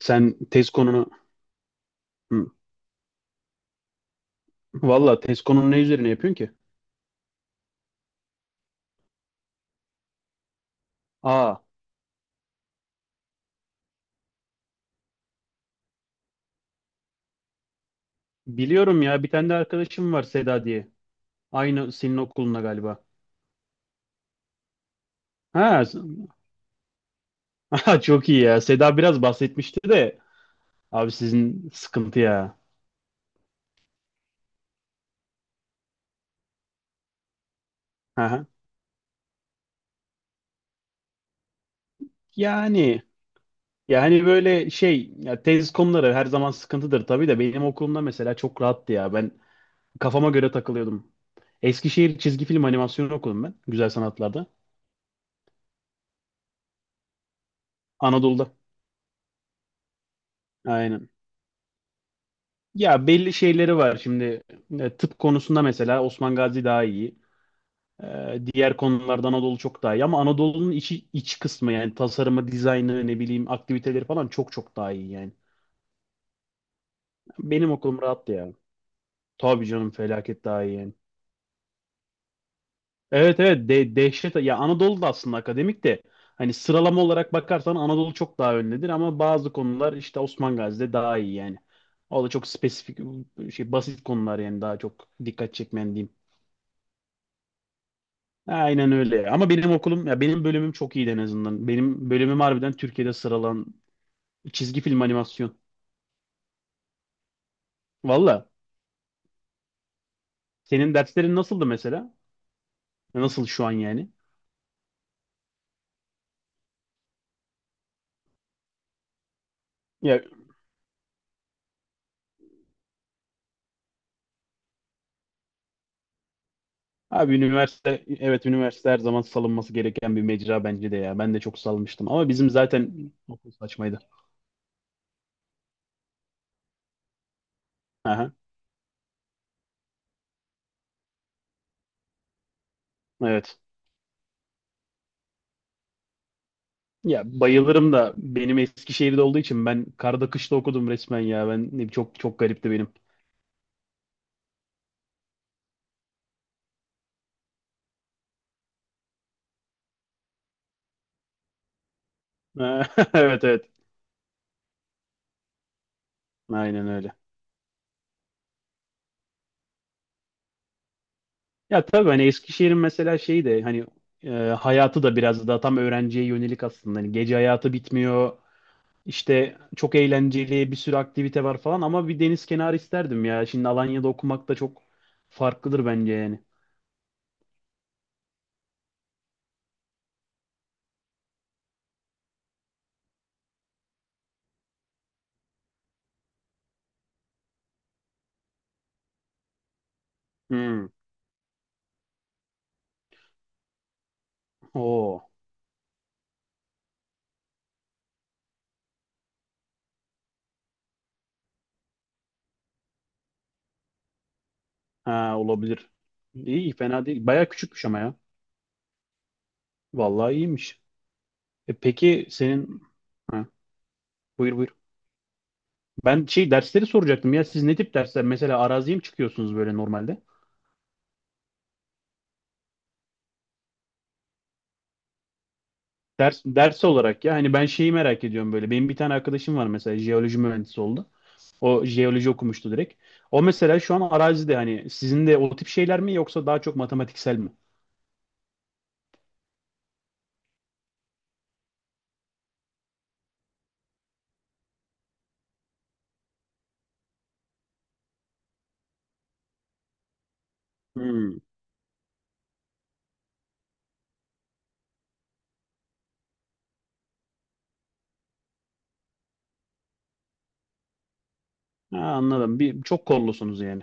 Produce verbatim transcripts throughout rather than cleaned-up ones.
Sen tez konunu Hı. Valla tez konunu ne üzerine yapıyorsun ki? Aa, biliyorum ya bir tane de arkadaşım var Seda diye. Aynı senin okulunda galiba. Ha, s- aha, çok iyi ya. Seda biraz bahsetmişti de abi sizin sıkıntı ya. Aha. Yani yani böyle şey ya, tez konuları her zaman sıkıntıdır tabii de benim okulumda mesela çok rahattı ya. Ben kafama göre takılıyordum. Eskişehir çizgi film animasyon okudum ben. Güzel sanatlarda. Anadolu'da. Aynen. Ya belli şeyleri var şimdi. E, tıp konusunda mesela Osman Gazi daha iyi. E, Diğer konularda Anadolu çok daha iyi, ama Anadolu'nun içi, iç kısmı yani tasarımı, dizaynı, ne bileyim aktiviteleri falan çok çok daha iyi yani. Benim okulum rahattı ya. Tabii canım, felaket daha iyi yani. Evet, evet, de dehşet ya. Anadolu da aslında akademik de, hani sıralama olarak bakarsan Anadolu çok daha öndedir ama bazı konular işte Osman Gazi'de daha iyi yani. O da çok spesifik şey, basit konular yani, daha çok dikkat çekmeyen diyeyim. Aynen öyle. Ama benim okulum ya, benim bölümüm çok iyiydi en azından. Benim bölümüm harbiden Türkiye'de sıralan. Çizgi film animasyon. Valla. Senin derslerin nasıldı mesela? Nasıl şu an yani? Ya abi üniversite, evet, üniversite her zaman salınması gereken bir mecra bence de ya. Ben de çok salmıştım ama bizim zaten okul saçmaydı. Aha, evet. Ya bayılırım da, benim Eskişehir'de olduğu için ben karda kışta okudum resmen ya. Ben çok çok garipti benim. Evet, evet. Aynen öyle. Ya tabii hani Eskişehir'in mesela şeyi de, hani e, hayatı da biraz daha tam öğrenciye yönelik aslında. Hani gece hayatı bitmiyor. İşte çok eğlenceli, bir sürü aktivite var falan, ama bir deniz kenarı isterdim ya. Şimdi Alanya'da okumak da çok farklıdır bence yani. Hmm. Oo. Ha, olabilir. İyi, fena değil. Baya küçükmüş ama ya. Vallahi iyiymiş. E, peki senin, ha, buyur buyur. Ben şey dersleri soracaktım ya. Siz ne tip dersler? Mesela araziye mi çıkıyorsunuz böyle normalde? Ders, ders olarak ya, hani ben şeyi merak ediyorum böyle. Benim bir tane arkadaşım var mesela, jeoloji mühendisi oldu. O jeoloji okumuştu direkt. O mesela şu an arazide, hani sizin de o tip şeyler mi yoksa daha çok matematiksel mi? Hmm. Ha, anladım. Bir, çok kollusunuz yani.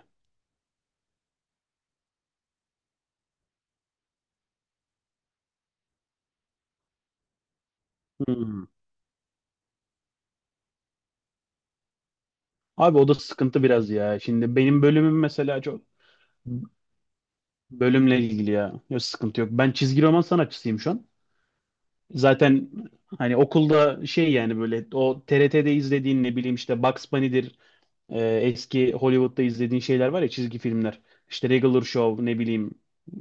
Hmm. Abi o da sıkıntı biraz ya. Şimdi benim bölümüm mesela, çok bölümle ilgili ya. Yok, sıkıntı yok. Ben çizgi roman sanatçısıyım şu an. Zaten hani okulda şey yani, böyle o T R T'de izlediğin ne bileyim, işte Bugs Bunny'dir, e, eski Hollywood'da izlediğin şeyler var ya, çizgi filmler. İşte Regular Show, ne bileyim,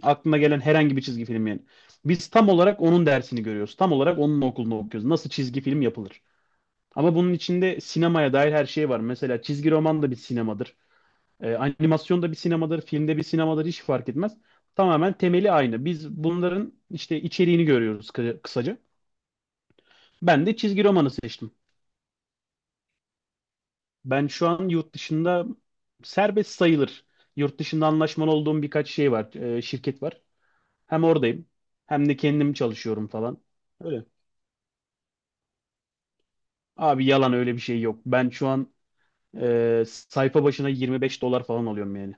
aklına gelen herhangi bir çizgi film yani. Biz tam olarak onun dersini görüyoruz. Tam olarak onun okulunu okuyoruz. Nasıl çizgi film yapılır? Ama bunun içinde sinemaya dair her şey var. Mesela çizgi roman da bir sinemadır. E, animasyon da bir sinemadır. Filmde bir sinemadır. Hiç fark etmez. Tamamen temeli aynı. Biz bunların işte içeriğini görüyoruz, kı- kısaca. Ben de çizgi romanı seçtim. Ben şu an yurt dışında, serbest sayılır. Yurt dışında anlaşmalı olduğum birkaç şey var, e, şirket var. Hem oradayım, hem de kendim çalışıyorum falan. Öyle. Abi yalan, öyle bir şey yok. Ben şu an e, sayfa başına yirmi beş dolar falan alıyorum yani.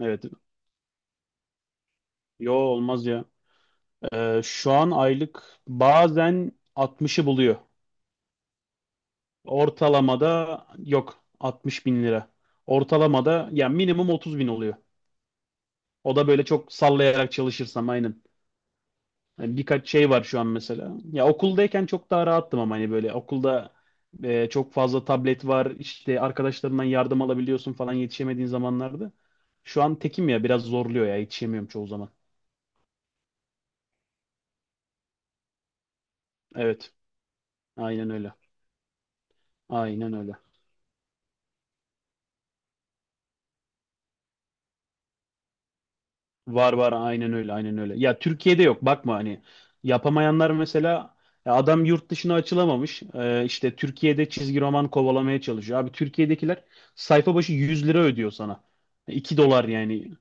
Evet. Yo, olmaz ya. E, şu an aylık bazen altmışı buluyor. Ortalamada yok, altmış bin lira. Ortalamada ya minimum otuz bin oluyor. O da böyle çok sallayarak çalışırsam aynen. Hani birkaç şey var şu an mesela. Ya okuldayken çok daha rahattım, ama hani böyle okulda e, çok fazla tablet var. İşte arkadaşlarından yardım alabiliyorsun falan, yetişemediğin zamanlarda. Şu an tekim ya, biraz zorluyor ya, yetişemiyorum çoğu zaman. Evet. Aynen öyle. Aynen öyle. Var, var, aynen öyle, aynen öyle. Ya Türkiye'de yok, bakma hani, yapamayanlar mesela, ya adam yurt dışına açılamamış. Ee, işte Türkiye'de çizgi roman kovalamaya çalışıyor. Abi Türkiye'dekiler sayfa başı yüz lira ödüyor sana. iki dolar yani.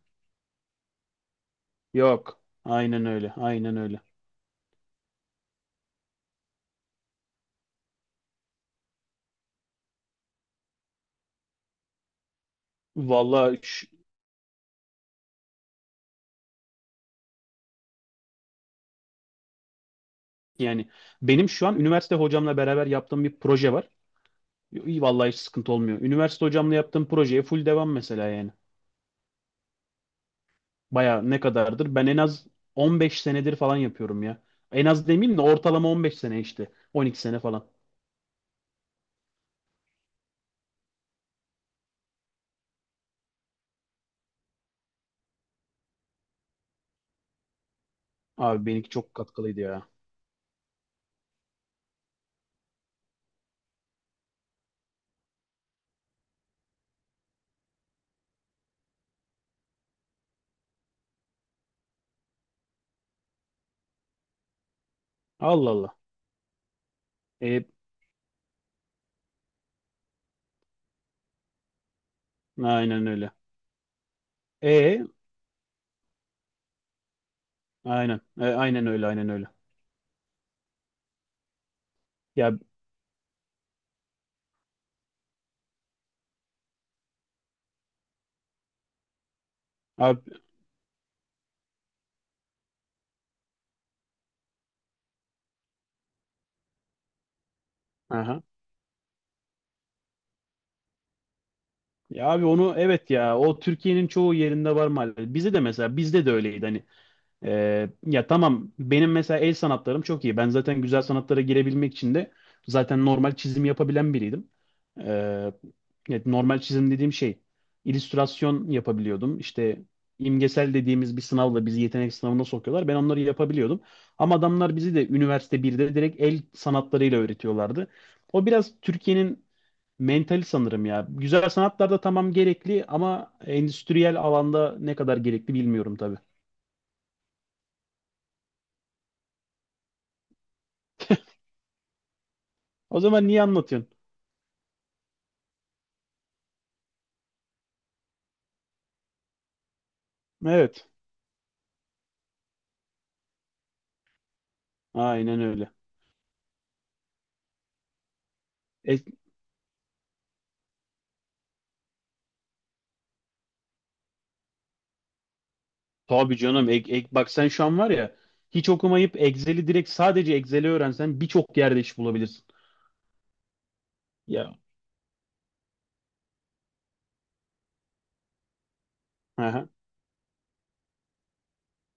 Yok. Aynen öyle, aynen öyle. Vallahi ş- yani, benim şu an üniversite hocamla beraber yaptığım bir proje var. İyi, vallahi hiç sıkıntı olmuyor. Üniversite hocamla yaptığım projeye full devam mesela yani. Baya ne kadardır? Ben en az on beş senedir falan yapıyorum ya. En az demeyeyim de, ortalama on beş sene işte. on iki sene falan. Abi benimki çok katkılıydı ya. Allah Allah. E, aynen öyle. E, aynen. E, aynen öyle, aynen öyle. Ya abi, aha. Ya abi onu, evet ya, o Türkiye'nin çoğu yerinde var maalesef. Bize de mesela, bizde de öyleydi hani. Ee, ya tamam, benim mesela el sanatlarım çok iyi. Ben zaten güzel sanatlara girebilmek için de zaten normal çizim yapabilen biriydim. Ee, evet, normal çizim dediğim şey, illüstrasyon yapabiliyordum. İşte imgesel dediğimiz bir sınavla bizi yetenek sınavına sokuyorlar. Ben onları yapabiliyordum. Ama adamlar bizi de üniversite birde direkt el sanatlarıyla öğretiyorlardı. O biraz Türkiye'nin mentali sanırım ya. Güzel sanatlarda tamam gerekli, ama endüstriyel alanda ne kadar gerekli bilmiyorum tabii. O zaman niye anlatıyorsun? Evet. Aynen öyle. E, tabii canım. Ek, ek, bak sen şu an var ya, hiç okumayıp Excel'i, direkt sadece Excel'i öğrensen birçok yerde iş bulabilirsin. Ya. Aha.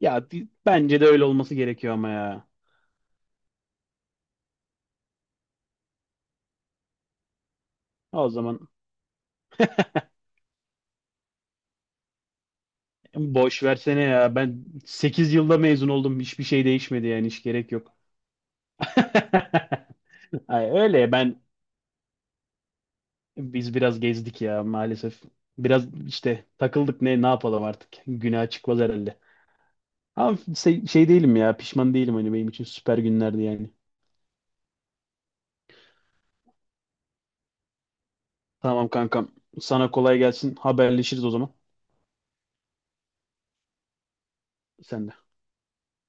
Ya di- bence de öyle olması gerekiyor ama ya. O zaman boş versene ya. Ben sekiz yılda mezun oldum. Hiçbir şey değişmedi yani. Hiç gerek yok. Ay, öyle ben biz biraz gezdik ya maalesef. Biraz işte takıldık, ne ne yapalım artık. Günah çıkmaz herhalde. Ama şey, şey değilim ya, pişman değilim, hani benim için süper günlerdi yani. Tamam kankam, sana kolay gelsin, haberleşiriz o zaman. Sen de.